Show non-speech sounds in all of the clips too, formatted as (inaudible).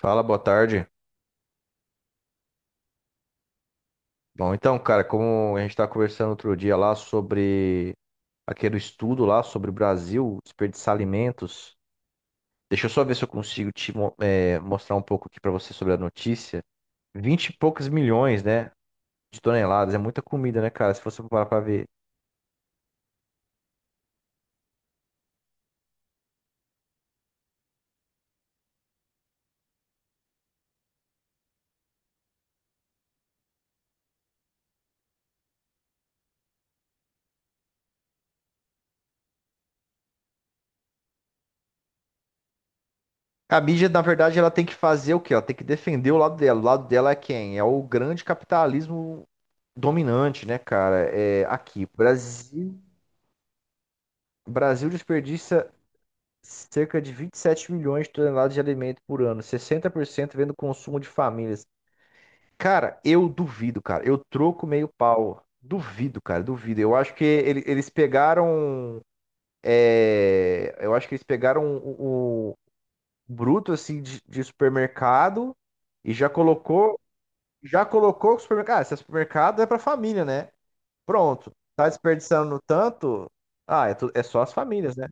Fala, boa tarde. Bom, então, cara, como a gente estava conversando outro dia lá sobre aquele estudo lá sobre o Brasil, desperdiçar alimentos, deixa eu só ver se eu consigo mostrar um pouco aqui para você sobre a notícia. 20 e poucos milhões, né, de toneladas, é muita comida, né, cara, se você for parar para ver. A mídia, na verdade, ela tem que fazer o quê? Ela tem que defender o lado dela. O lado dela é quem? É o grande capitalismo dominante, né, cara? É aqui, Brasil, Brasil desperdiça cerca de 27 milhões de toneladas de alimento por ano, 60% vem do consumo de famílias. Cara, eu duvido, cara. Eu troco meio pau. Duvido, cara, duvido. Eu acho que eles pegaram. É, eu acho que eles pegaram o bruto assim de supermercado e já colocou o supermercado. Ah, esse supermercado é pra família, né? Pronto. Tá desperdiçando tanto. Ah, é, é só as famílias, né?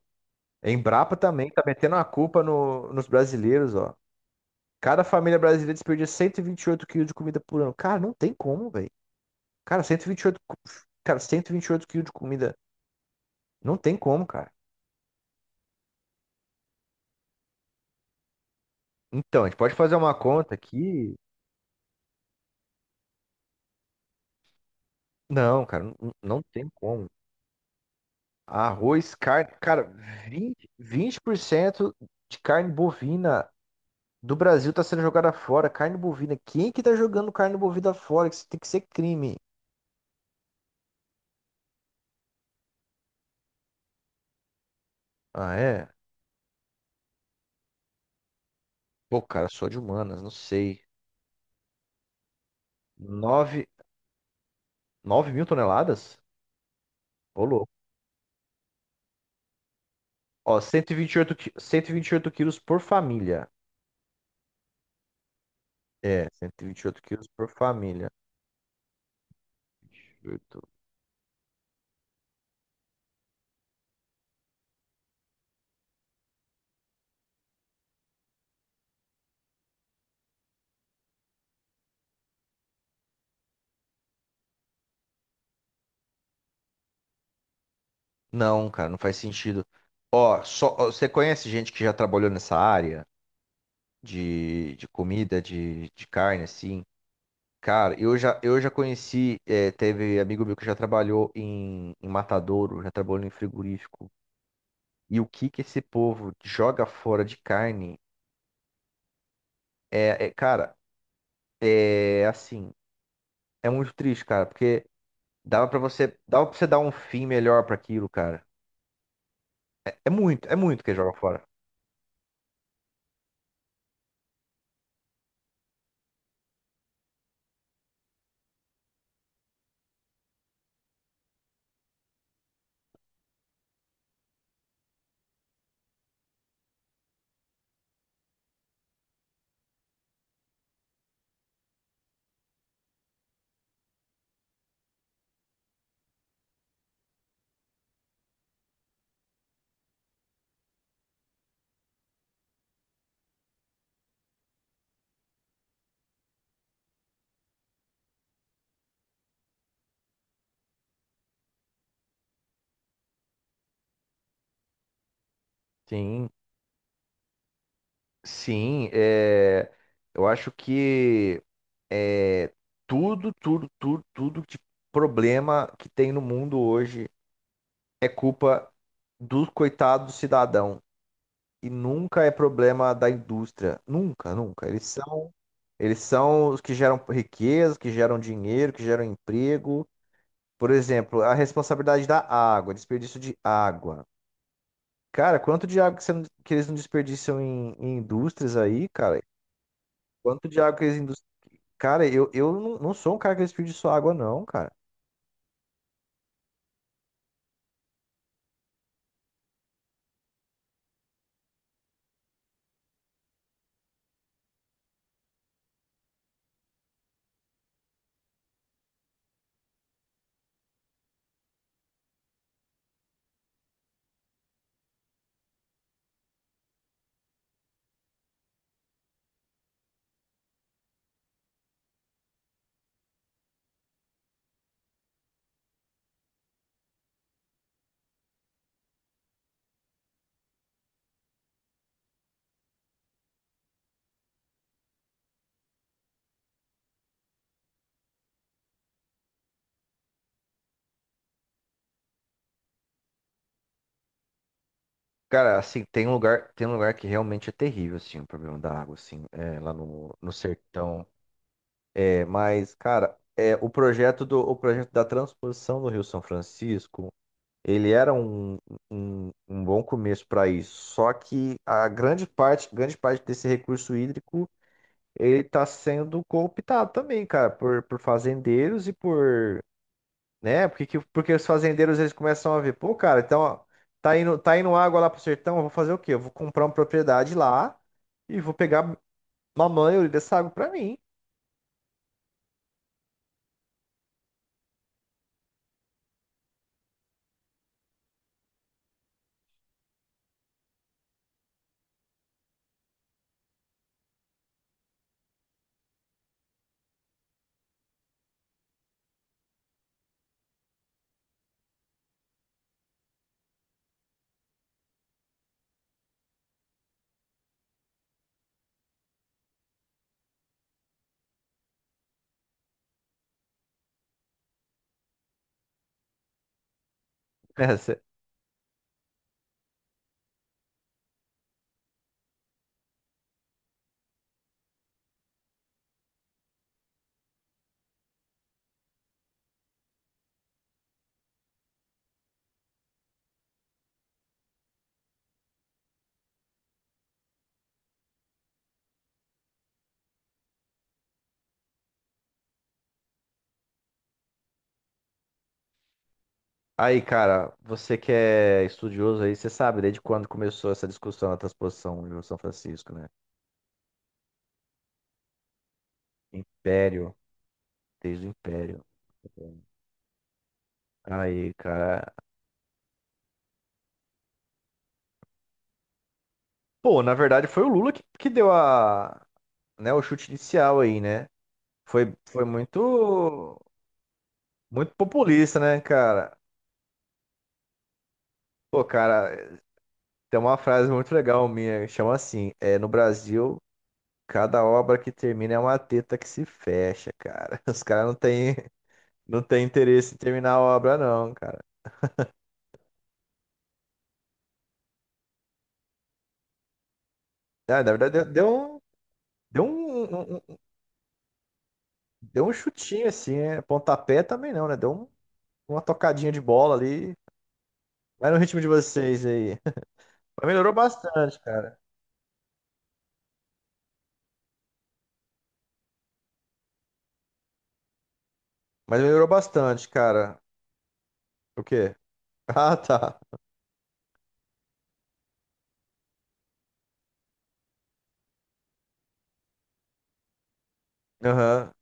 Embrapa também tá metendo a culpa nos brasileiros, ó. Cada família brasileira desperdiça 128 quilos de comida por ano. Cara, não tem como, velho. Cara, cara, 128 quilos de comida. Não tem como, cara. Então, a gente pode fazer uma conta aqui. Não, cara, não tem como. Arroz, carne. Cara, 20% de carne bovina do Brasil tá sendo jogada fora. Carne bovina. Quem que tá jogando carne bovina fora? Isso tem que ser crime. Ah, é? Pô, cara, sou de humanas, não sei. 9 9 mil toneladas? Ô, louco. Ó, 128 quilos por família. É, cento e vinte e oito quilos por família. 28. Não, cara, não faz sentido. Ó, só, ó, você conhece gente que já trabalhou nessa área de comida, de carne, assim? Cara, eu já conheci, é, teve amigo meu que já trabalhou em matadouro, já trabalhou em frigorífico. E o que que esse povo joga fora de carne é, é, cara, é assim. É muito triste, cara, porque dava para você dar um fim melhor pra aquilo, cara. É muito que joga fora. Sim, sim, é, eu acho que é, tudo de problema que tem no mundo hoje é culpa do coitado do cidadão e nunca é problema da indústria, nunca, nunca. Eles são os que geram riqueza, que geram dinheiro, que geram emprego. Por exemplo, a responsabilidade da água, desperdício de água. Cara, quanto de água que, você não- que eles não desperdiçam em indústrias aí, cara? Quanto de água que eles cara, eu não sou um cara que desperdiça água, não, cara. Cara, assim, tem um lugar que realmente é terrível, assim, o problema da água, assim, é, lá no sertão. É, mas, cara, é, o projeto da transposição do Rio São Francisco, ele era um bom começo para isso. Só que a grande parte desse recurso hídrico, ele está sendo cooptado também, cara, por fazendeiros e por, né? Porque, porque os fazendeiros eles começam a ver, pô, cara, então ó, tá indo água lá pro sertão, eu vou fazer o quê? Eu vou comprar uma propriedade lá e vou pegar mamãe dessa água para mim. (laughs) Né? Cê- aí, cara, você que é estudioso aí, você sabe desde quando começou essa discussão na transposição de São Francisco, né? Império, desde o Império. Aí, cara. Pô, na verdade foi o Lula que deu a, né, o chute inicial aí, né? Foi, foi muito, muito populista, né, cara? Pô, cara, tem uma frase muito legal minha, que chama assim, é, no Brasil, cada obra que termina é uma teta que se fecha, cara. (laughs) Os caras não tem interesse em terminar a obra, não, cara. Ah, na verdade, um, deu deu um chutinho assim, né? Pontapé também não, né? Deu um uma tocadinha de bola ali. Vai no ritmo de vocês aí. (laughs) Mas melhorou bastante, cara. Mas melhorou bastante, cara. O quê? (laughs) Ah, tá. Aham.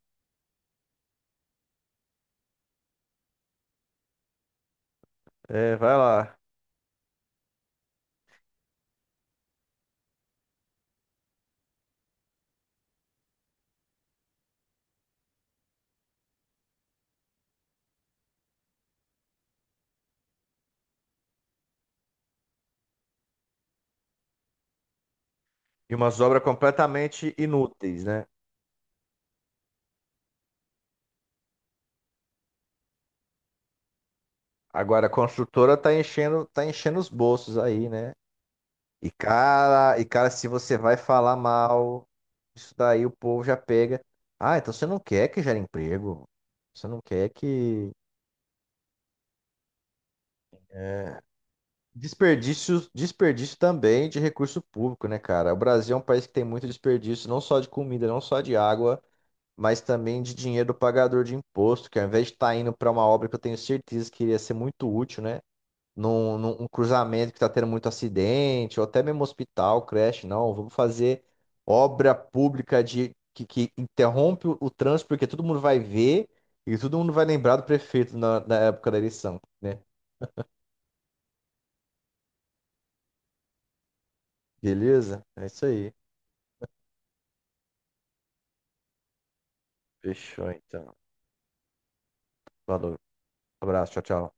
É, vai lá. E umas obras completamente inúteis, né? Agora a construtora tá enchendo os bolsos aí, né? E cara, se você vai falar mal, isso daí o povo já pega. Ah, então você não quer que gere emprego. Você não quer que desperdício, desperdício também de recurso público, né, cara? O Brasil é um país que tem muito desperdício, não só de comida, não só de água, mas também de dinheiro do pagador de imposto, que ao invés de estar indo para uma obra que eu tenho certeza que iria ser muito útil, né? Num, num um cruzamento que está tendo muito acidente, ou até mesmo hospital, creche, não. Vamos fazer obra pública de que interrompe o trânsito, porque todo mundo vai ver e todo mundo vai lembrar do prefeito na época da eleição, né? Beleza? É isso aí. Fechou, então. Falou. Abraço, tchau, tchau.